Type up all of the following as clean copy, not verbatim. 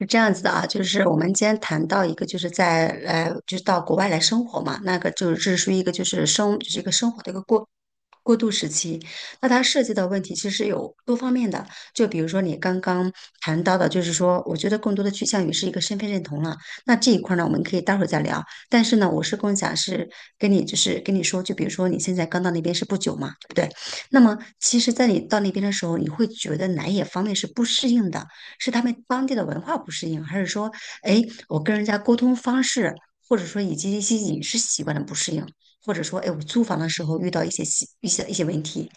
是这样子的啊，就是我们今天谈到一个，就是在就是到国外来生活嘛，那个就是这是属于一个就是一个生活的一个过渡时期。那它涉及到问题其实有多方面的，就比如说你刚刚谈到的，就是说，我觉得更多的趋向于是一个身份认同了。那这一块呢，我们可以待会儿再聊。但是呢，我是更想是跟你说，就比如说你现在刚到那边是不久嘛，对不对？那么其实，在你到那边的时候，你会觉得哪一方面是不适应的？是他们当地的文化不适应，还是说，哎，我跟人家沟通方式，或者说以及一些饮食习惯的不适应，或者说，哎，我租房的时候遇到一些习一些一些问题，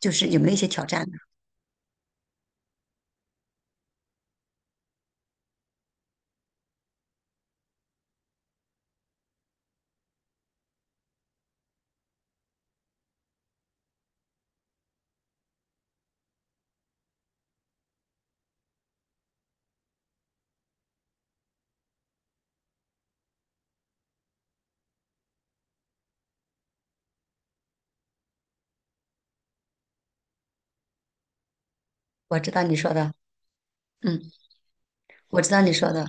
就是有没有一些挑战呢？我知道你说的，嗯，我知道你说的，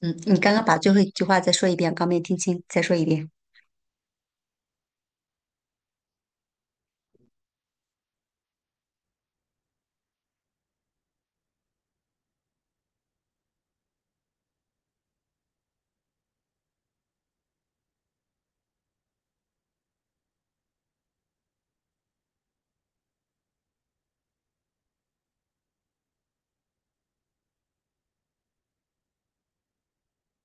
嗯，你刚刚把最后一句话再说一遍，刚没听清，再说一遍。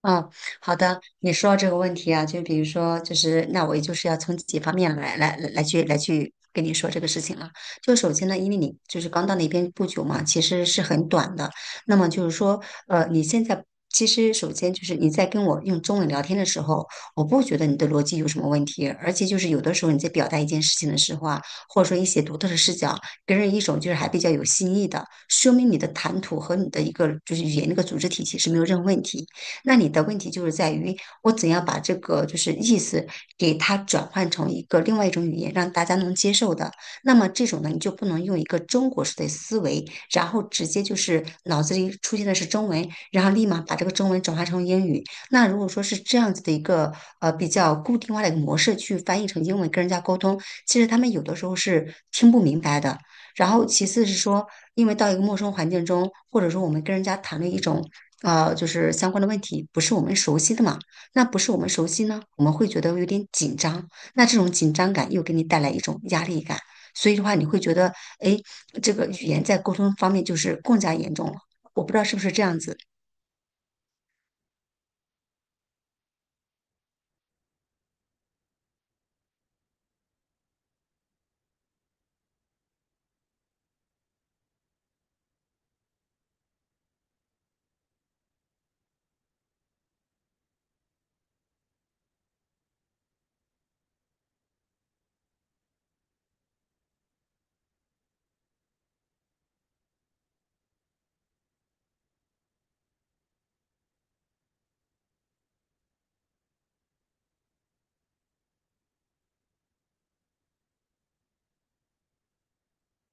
嗯，好的，你说到这个问题啊，就比如说，就是那我也就是要从几方面来跟你说这个事情了。就首先呢，因为你就是刚到那边不久嘛，其实是很短的。那么就是说，你现在其实首先就是你在跟我用中文聊天的时候，我不觉得你的逻辑有什么问题，而且就是有的时候你在表达一件事情的时候啊，或者说一些独特的视角，给人一种就是还比较有新意的，说明你的谈吐和你的一个就是语言那个组织体系是没有任何问题。那你的问题就是在于我怎样把这个就是意思给它转换成一个另外一种语言，让大家能接受的。那么这种呢，你就不能用一个中国式的思维，然后直接就是脑子里出现的是中文，然后立马把这个中文转化成英语。那如果说是这样子的一个比较固定化的一个模式去翻译成英文跟人家沟通，其实他们有的时候是听不明白的。然后其次是说，因为到一个陌生环境中，或者说我们跟人家谈论一种就是相关的问题，不是我们熟悉的嘛，那不是我们熟悉呢，我们会觉得有点紧张，那这种紧张感又给你带来一种压力感，所以的话，你会觉得，哎，这个语言在沟通方面就是更加严重了。我不知道是不是这样子。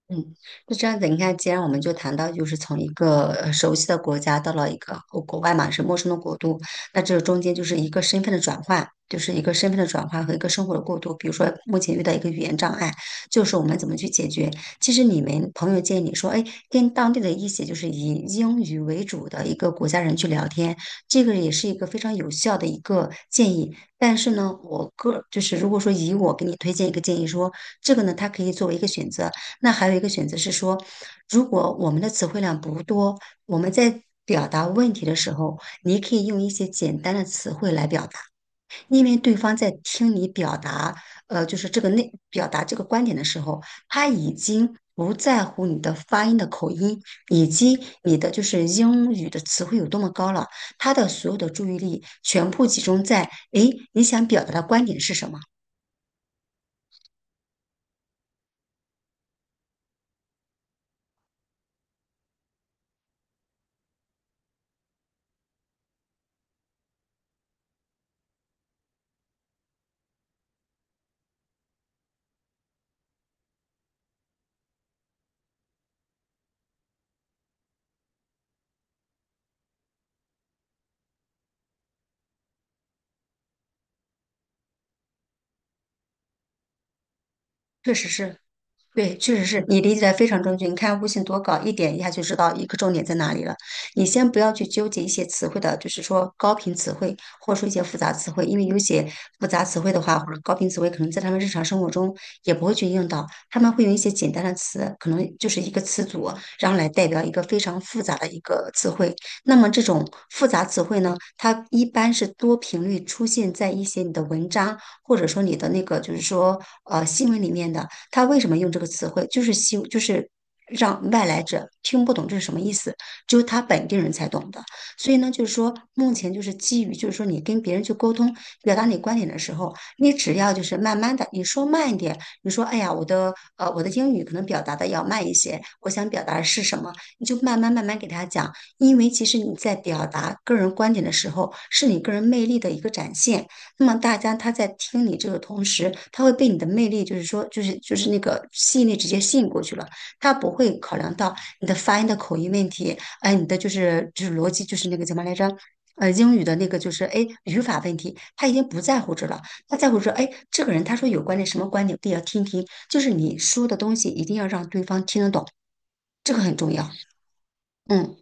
嗯，那这样子。你看，既然我们就谈到，就是从一个熟悉的国家到了一个国外嘛，是陌生的国度，那这中间就是一个身份的转换，就是一个身份的转换和一个生活的过渡。比如说，目前遇到一个语言障碍，就是我们怎么去解决？其实你们朋友建议你说，哎，跟当地的一些就是以英语为主的一个国家人去聊天，这个也是一个非常有效的一个建议。但是呢，我个就是如果说以我给你推荐一个建议说，这个呢，它可以作为一个选择。那还有一个选择是说，如果我们的词汇量不多，我们在表达问题的时候，你可以用一些简单的词汇来表达，因为对方在听你表达，就是这个内表达这个观点的时候，他已经不在乎你的发音的口音，以及你的就是英语的词汇有多么高了，他的所有的注意力全部集中在，诶，你想表达的观点是什么？确实是，对，确实是你理解的非常正确。你看，悟性多高，一点一下就知道一个重点在哪里了。你先不要去纠结一些词汇的，就是说高频词汇，或者说一些复杂词汇，因为有些复杂词汇的话，或者高频词汇，可能在他们日常生活中也不会去用到，他们会用一些简单的词，可能就是一个词组，然后来代表一个非常复杂的一个词汇。那么这种复杂词汇呢，它一般是多频率出现在一些你的文章。或者说你的那个就是说新闻里面的，他为什么用这个词汇，就是希就是让外来者听不懂这是什么意思，只有他本地人才懂的。所以呢，就是说目前就是基于就是说你跟别人去沟通、表达你观点的时候，你只要就是慢慢的，你说慢一点，你说哎呀我的英语可能表达的要慢一些，我想表达的是什么，你就慢慢给他讲，因为其实你在表达个人观点的时候，是你个人魅力的一个展现。那么大家他在听你这个同时，他会被你的魅力，就是那个吸引力直接吸引过去了。他不会考量到你的发音的口音问题，哎，你的逻辑，就是那个叫什么来着？英语的那个就是哎语法问题，他已经不在乎这了，他在乎说，哎，这个人他说有观点什么观点，我也要听听，就是你说的东西一定要让对方听得懂，这个很重要。嗯。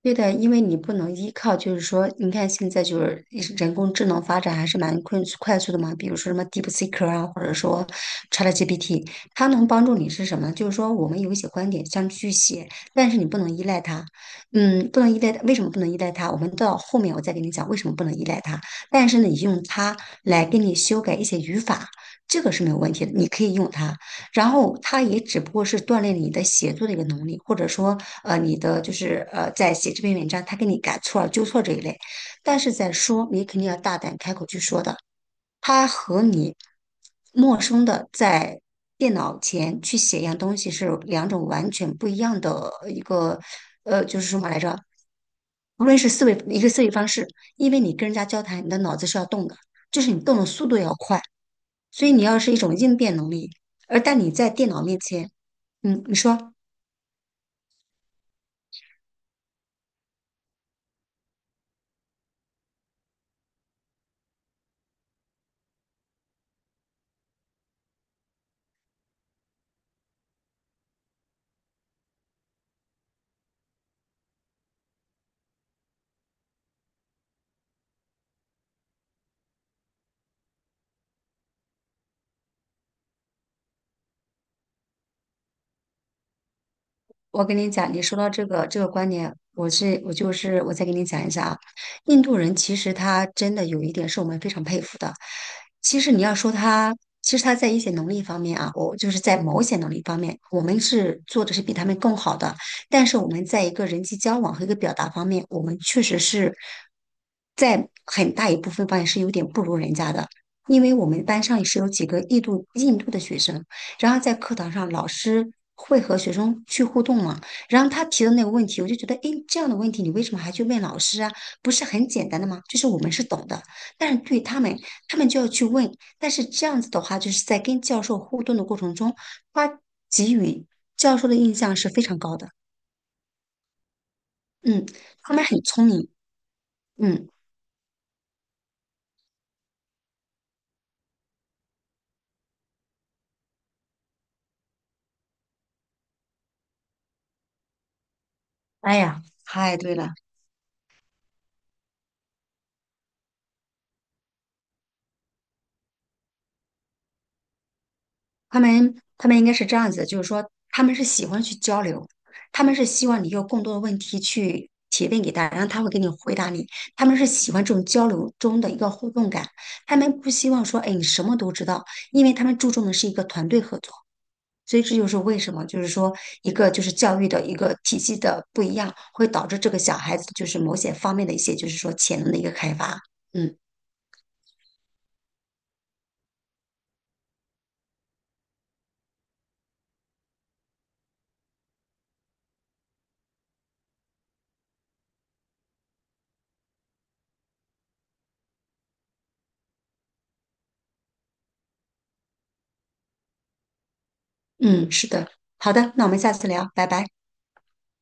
对的，因为你不能依靠，就是说，你看现在就是人工智能发展还是蛮快速的嘛，比如说什么 DeepSeek 啊，或者说 ChatGPT，它能帮助你是什么呢？就是说我们有一些观点想去写，但是你不能依赖它，嗯，不能依赖它。为什么不能依赖它？我们到后面我再给你讲为什么不能依赖它。但是呢，你用它来给你修改一些语法，这个是没有问题的，你可以用它。然后它也只不过是锻炼你的写作的一个能力，或者说你的在写这篇文章，他给你改错了、纠错这一类。但是在说，你肯定要大胆开口去说的。它和你陌生的在电脑前去写一样东西是两种完全不一样的一个就是什么来着？无论是思维方式，因为你跟人家交谈，你的脑子是要动的，就是你动的速度要快，所以你要是一种应变能力。而但你在电脑面前，嗯，你说，我跟你讲，你说到这个这个观点，我是我就是我再给你讲一下啊。印度人其实他真的有一点是我们非常佩服的。其实你要说他，其实他在一些能力方面啊，我就是在某些能力方面，我们是做的是比他们更好的。但是我们在一个人际交往和一个表达方面，我们确实是在很大一部分方面是有点不如人家的。因为我们班上也是有几个印度的学生，然后在课堂上，老师会和学生去互动嘛？然后他提的那个问题，我就觉得，诶，这样的问题你为什么还去问老师啊？不是很简单的吗？就是我们是懂的，但是对他们，他们就要去问。但是这样子的话，就是在跟教授互动的过程中，他给予教授的印象是非常高的。嗯，他们很聪明。嗯，哎呀，太对了。他们应该是这样子，就是说他们是喜欢去交流，他们是希望你有更多的问题去提问给他，然后他会给你回答你。他们是喜欢这种交流中的一个互动感，他们不希望说，哎，你什么都知道，因为他们注重的是一个团队合作。所以这就是为什么，就是说一个就是教育的一个体系的不一样，会导致这个小孩子就是某些方面的一些就是说潜能的一个开发。嗯嗯，是的，好的，那我们下次聊，拜拜。